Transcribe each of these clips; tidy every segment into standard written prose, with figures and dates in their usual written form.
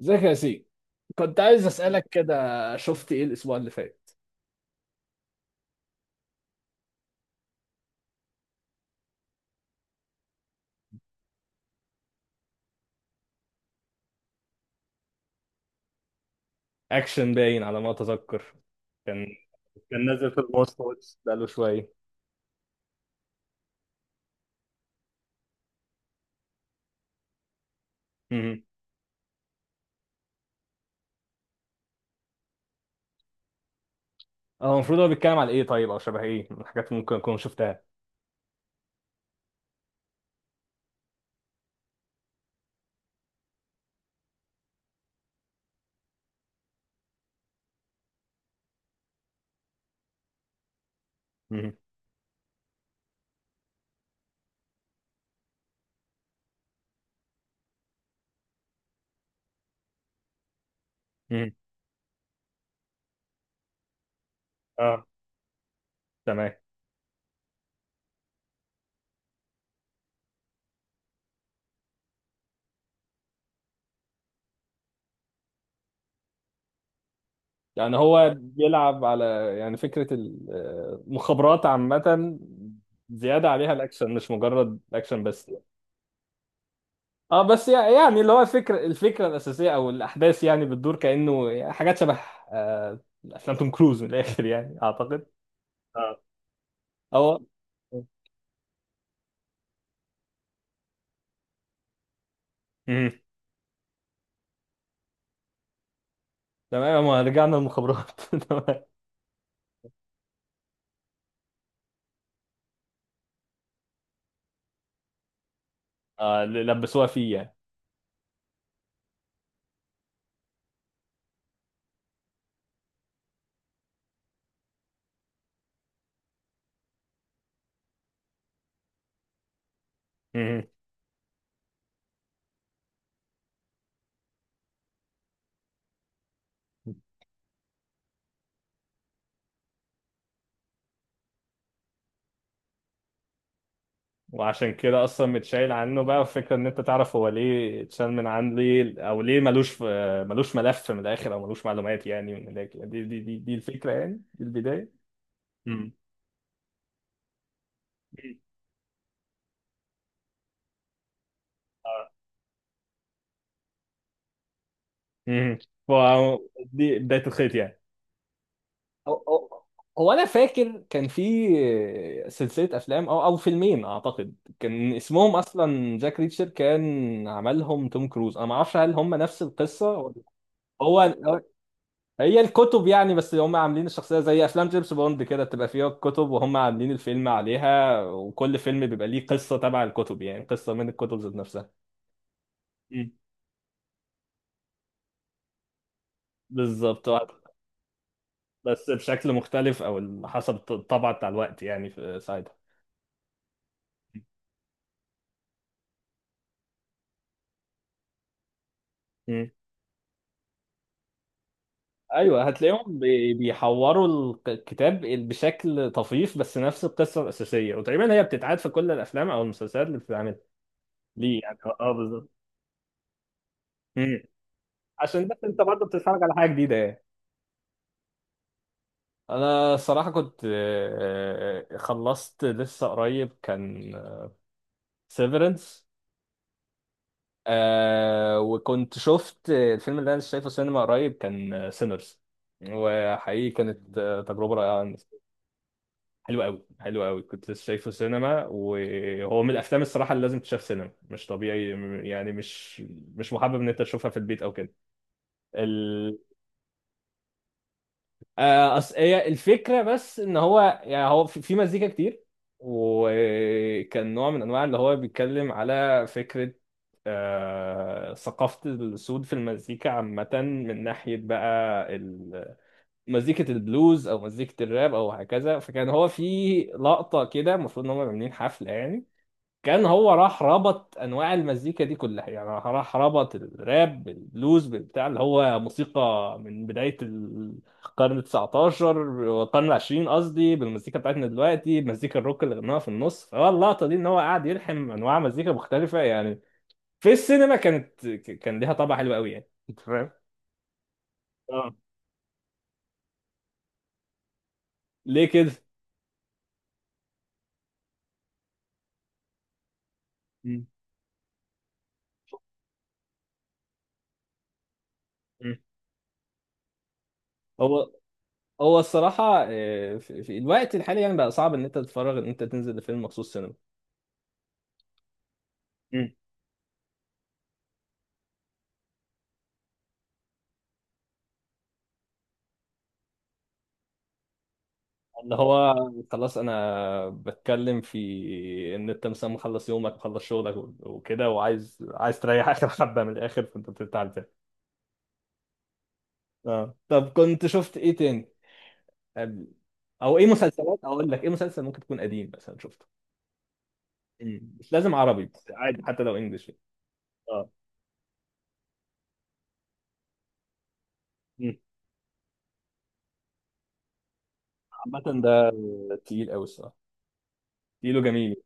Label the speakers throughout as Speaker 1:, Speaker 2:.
Speaker 1: ازيك يا سي، كنت عايز اسالك كده. شفت ايه الاسبوع اللي فات؟ اكشن باين على ما اتذكر. كان، كان نازل في المواصلات بقاله شويه. مهم. هو المفروض هو بيتكلم على ايه طيب، او شبه ايه من الحاجات اللي ممكن اكون شفتها؟ مهم. مهم. اه، تمام. يعني هو بيلعب على، يعني فكره المخابرات عامه، زياده عليها الاكشن مش مجرد اكشن بس. اه بس يعني اللي هو الفكره، الفكره الاساسيه او الاحداث يعني بتدور كانه حاجات شبه آه، افلام توم كروز من الاخر يعني اعتقد. اه. او مم. تمام، ما رجعنا المخابرات تمام. آه، اللي لبسوها فيه يعني. مم. وعشان كده اصلا متشايل عنه، بقى الفكره ان انت تعرف هو ليه اتشال من عن ليه، او ليه ملوش في، ملوش ملف من الاخر، او ملوش معلومات يعني من الاخر. دي الفكره يعني، دي البدايه. مم. مم. ف، دي بدايه الخيط يعني. هو هو- هو انا فاكر كان في سلسله افلام او فيلمين اعتقد، كان اسمهم اصلا جاك ريتشر، كان عملهم توم كروز، انا ما اعرفش هل هم نفس القصه ولا. هو هي الكتب يعني، بس هم عاملين الشخصيه زي افلام جيمس بوند كده، بتبقى فيها الكتب وهم عاملين الفيلم عليها، وكل فيلم بيبقى ليه قصه تبع الكتب، يعني قصه من الكتب ذات نفسها. مم. بالظبط. بس بشكل مختلف، او حسب الطبع بتاع الوقت يعني، في ساعتها. ايوه هتلاقيهم بيحوروا الكتاب بشكل طفيف، بس نفس القصه الاساسيه، وتقريبا هي بتتعاد في كل الافلام او المسلسلات اللي بتتعمل ليه يعني. اه بالظبط. مم. عشان بس انت برضه بتتفرج على حاجه جديده يعني. انا الصراحه كنت، خلصت لسه قريب كان سيفرنس، وكنت شفت الفيلم اللي انا شايفه سينما قريب كان سينرز، وحقيقي كانت تجربه رائعه. حلو قوي، حلو قوي. كنت لسه شايفه سينما، وهو من الافلام الصراحه اللي لازم تشاف سينما، مش طبيعي. يعني مش، مش محبب ان انت تشوفها في البيت او كده. ال... هي الفكره بس ان هو يعني، هو في في مزيكا كتير، وكان نوع من انواع اللي هو بيتكلم على فكره ثقافة السود في المزيكا عامة، من ناحية بقى مزيكة البلوز أو مزيكة الراب أو هكذا. فكان هو في لقطة كده المفروض إن هم عاملين حفلة يعني، كان هو راح ربط انواع المزيكا دي كلها، يعني راح ربط الراب بالبلوز بتاع اللي هو موسيقى من بدايه القرن ال 19 والقرن ال 20، قصدي بالمزيكا بتاعتنا دلوقتي مزيكا الروك اللي غناها في النص. فهو اللقطه دي ان هو قاعد يلحم انواع مزيكا مختلفه يعني. في السينما كانت كان ليها طابع حلو قوي يعني، انت فاهم؟ اه. ليه كده؟ مم. مم. هو، هو الصراحه في في الوقت الحالي يعني بقى صعب ان انت تتفرج، ان انت تنزل لفيلم مخصوص سينما. اللي هو خلاص انا بتكلم في ان انت مثلا مخلص يومك، مخلص شغلك وكده، وعايز، عايز تريح اخر حبه من الاخر، فانت بتفتح الفيلم. اه طب كنت شفت ايه تاني؟ أم- او ايه مسلسلات؟ اقول لك ايه مسلسل ممكن تكون قديم مثلا شفته؟ مم. مش لازم عربي، بس عادي حتى لو انجلش. اه. مم. عامة ده تقيل قوي الصراحه، تقيل وجميل.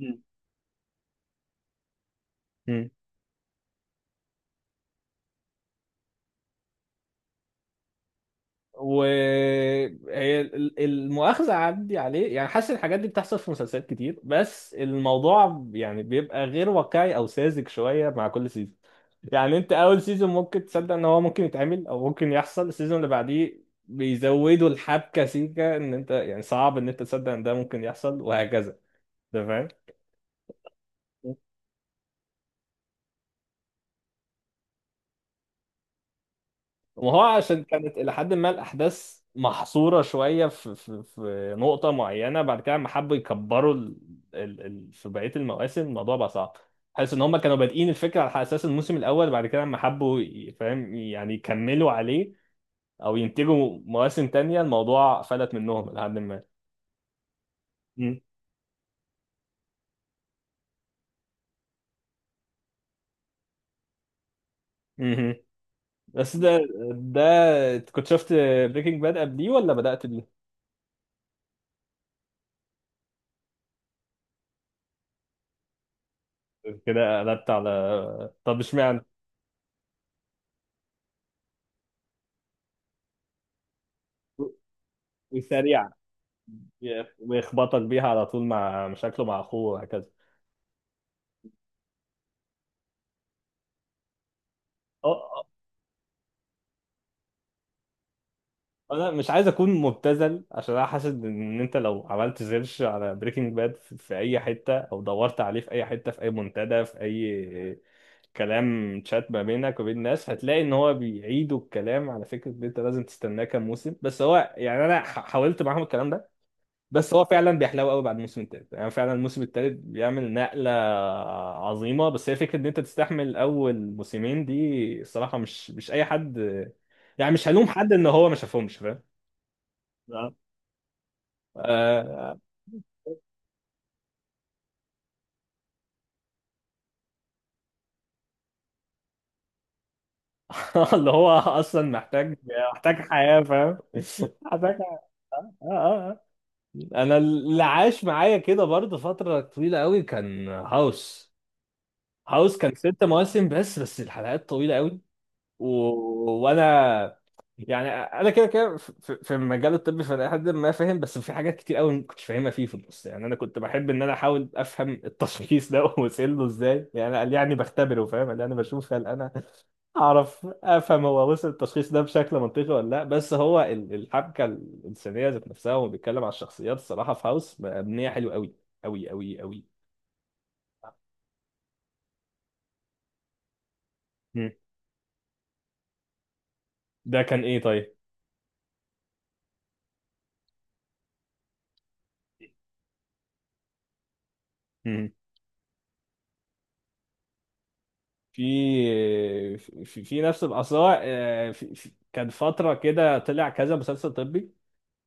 Speaker 1: مم. مم. وهي المؤاخذة عندي عليه يعني، حاسس الحاجات دي بتحصل في مسلسلات كتير، بس الموضوع يعني بيبقى غير واقعي او ساذج شوية مع كل سيزون. يعني انت اول سيزون ممكن تصدق ان هو ممكن يتعمل او ممكن يحصل، السيزون اللي بعديه بيزودوا الحبكة سيكة ان انت يعني صعب ان انت تصدق ان ده ممكن يحصل، وهكذا. انت فاهم؟ وهو عشان كانت إلى حد ما الأحداث محصورة شوية في في في نقطة معينة، بعد كده لما حبوا يكبروا في بقية المواسم الموضوع بقى صعب. حاسس إن هما كانوا بادئين الفكرة على أساس الموسم الأول، بعد كده لما حبوا فاهم يعني يكملوا عليه أو ينتجوا مواسم تانية، الموضوع فلت منهم إلى حد ما. م- مهم. بس ده، ده كنت شفت بريكنج باد قبليه ولا بدأت بيه؟ كده قلبت على طب اشمعنى؟ وسريعا، ويخبطك بيها على طول مع مشاكله مع اخوه وهكذا. أه، أه، انا مش عايز اكون مبتذل، عشان انا حاسس ان انت لو عملت سيرش على بريكنج باد في في اي حته، او دورت عليه في اي حته في اي منتدى، في اي كلام تشات ما بينك وبين الناس، هتلاقي ان هو بيعيدوا الكلام على فكره ان انت لازم تستناه كام موسم. بس هو يعني انا حاولت معاهم الكلام ده، بس هو فعلا بيحلو قوي بعد الموسم الثالث، يعني فعلا الموسم الثالث بيعمل نقله عظيمه. بس هي فكره ان انت تستحمل اول موسمين دي، الصراحه مش، مش اي حد. يعني مش هلوم حد ان هو ما شافهمش، فاهم؟ آه. آه. اللي هو اصلا محتاج، محتاج حياه فاهم. محتاج حياه. آه آه آه. انا اللي عاش معايا كده برضه فتره طويله قوي كان هاوس. هاوس كان 6 مواسم بس، بس الحلقات طويله قوي. و... وانا يعني، انا كده كده في في المجال الطبي، فانا لحد ما فاهم، بس في حاجات كتير قوي ما كنتش فاهمها فيه في النص. يعني انا كنت بحب ان انا احاول افهم التشخيص ده وصل له ازاي، يعني قال يعني بختبره فاهم، قال يعني بشوف هل انا اعرف افهم هو وصل التشخيص ده بشكل منطقي ولا لا. بس هو الحبكه الانسانيه ذات نفسها، وهو بيتكلم على الشخصيات الصراحه في هاوس مبنيه حلو قوي، قوي. مم. ده كان ايه طيب؟ في في, في نفس الأثار في... في... كان فترة كده طلع كذا مسلسل طبي،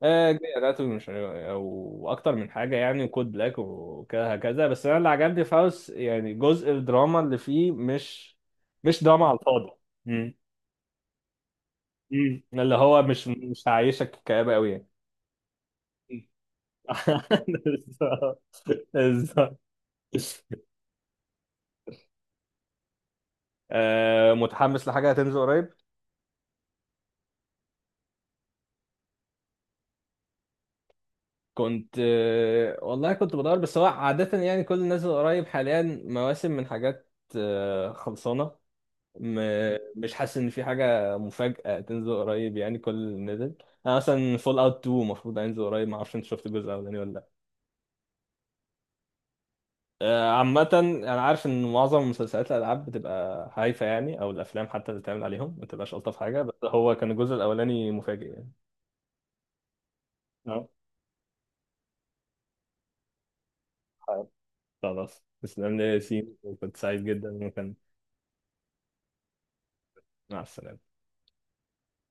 Speaker 1: جاي اناتومي، مش عارف، او اكتر من حاجه يعني، كود بلاك وكذا هكذا. بس انا اللي عجبني في هاوس يعني جزء الدراما اللي فيه، مش، مش دراما على الفاضي. مم. مم. اللي هو مش، مش هعيشك كآبة قوي يعني. مم. بالظبط، بالظبط. متحمس لحاجه هتنزل قريب؟ كنت، والله كنت بدور، بس هو عادة يعني كل اللي نازل قريب حاليا مواسم من حاجات خلصانة. مش حاسس إن في حاجة مفاجأة تنزل قريب، يعني كل اللي نزل. أنا مثلا فول أوت 2 المفروض هينزل قريب، معرفش أنت شفت الجزء الأولاني ولا لأ. عامة أنا عارف إن معظم مسلسلات الألعاب بتبقى هايفة يعني، أو الأفلام حتى اللي بتعمل عليهم ما بتبقاش ألطف حاجة، بس هو كان الجزء الأولاني مفاجئ يعني. أه. خلاص، تسلم لي يا ياسين، وكنت سعيد جدا، وكان، مع السلامة.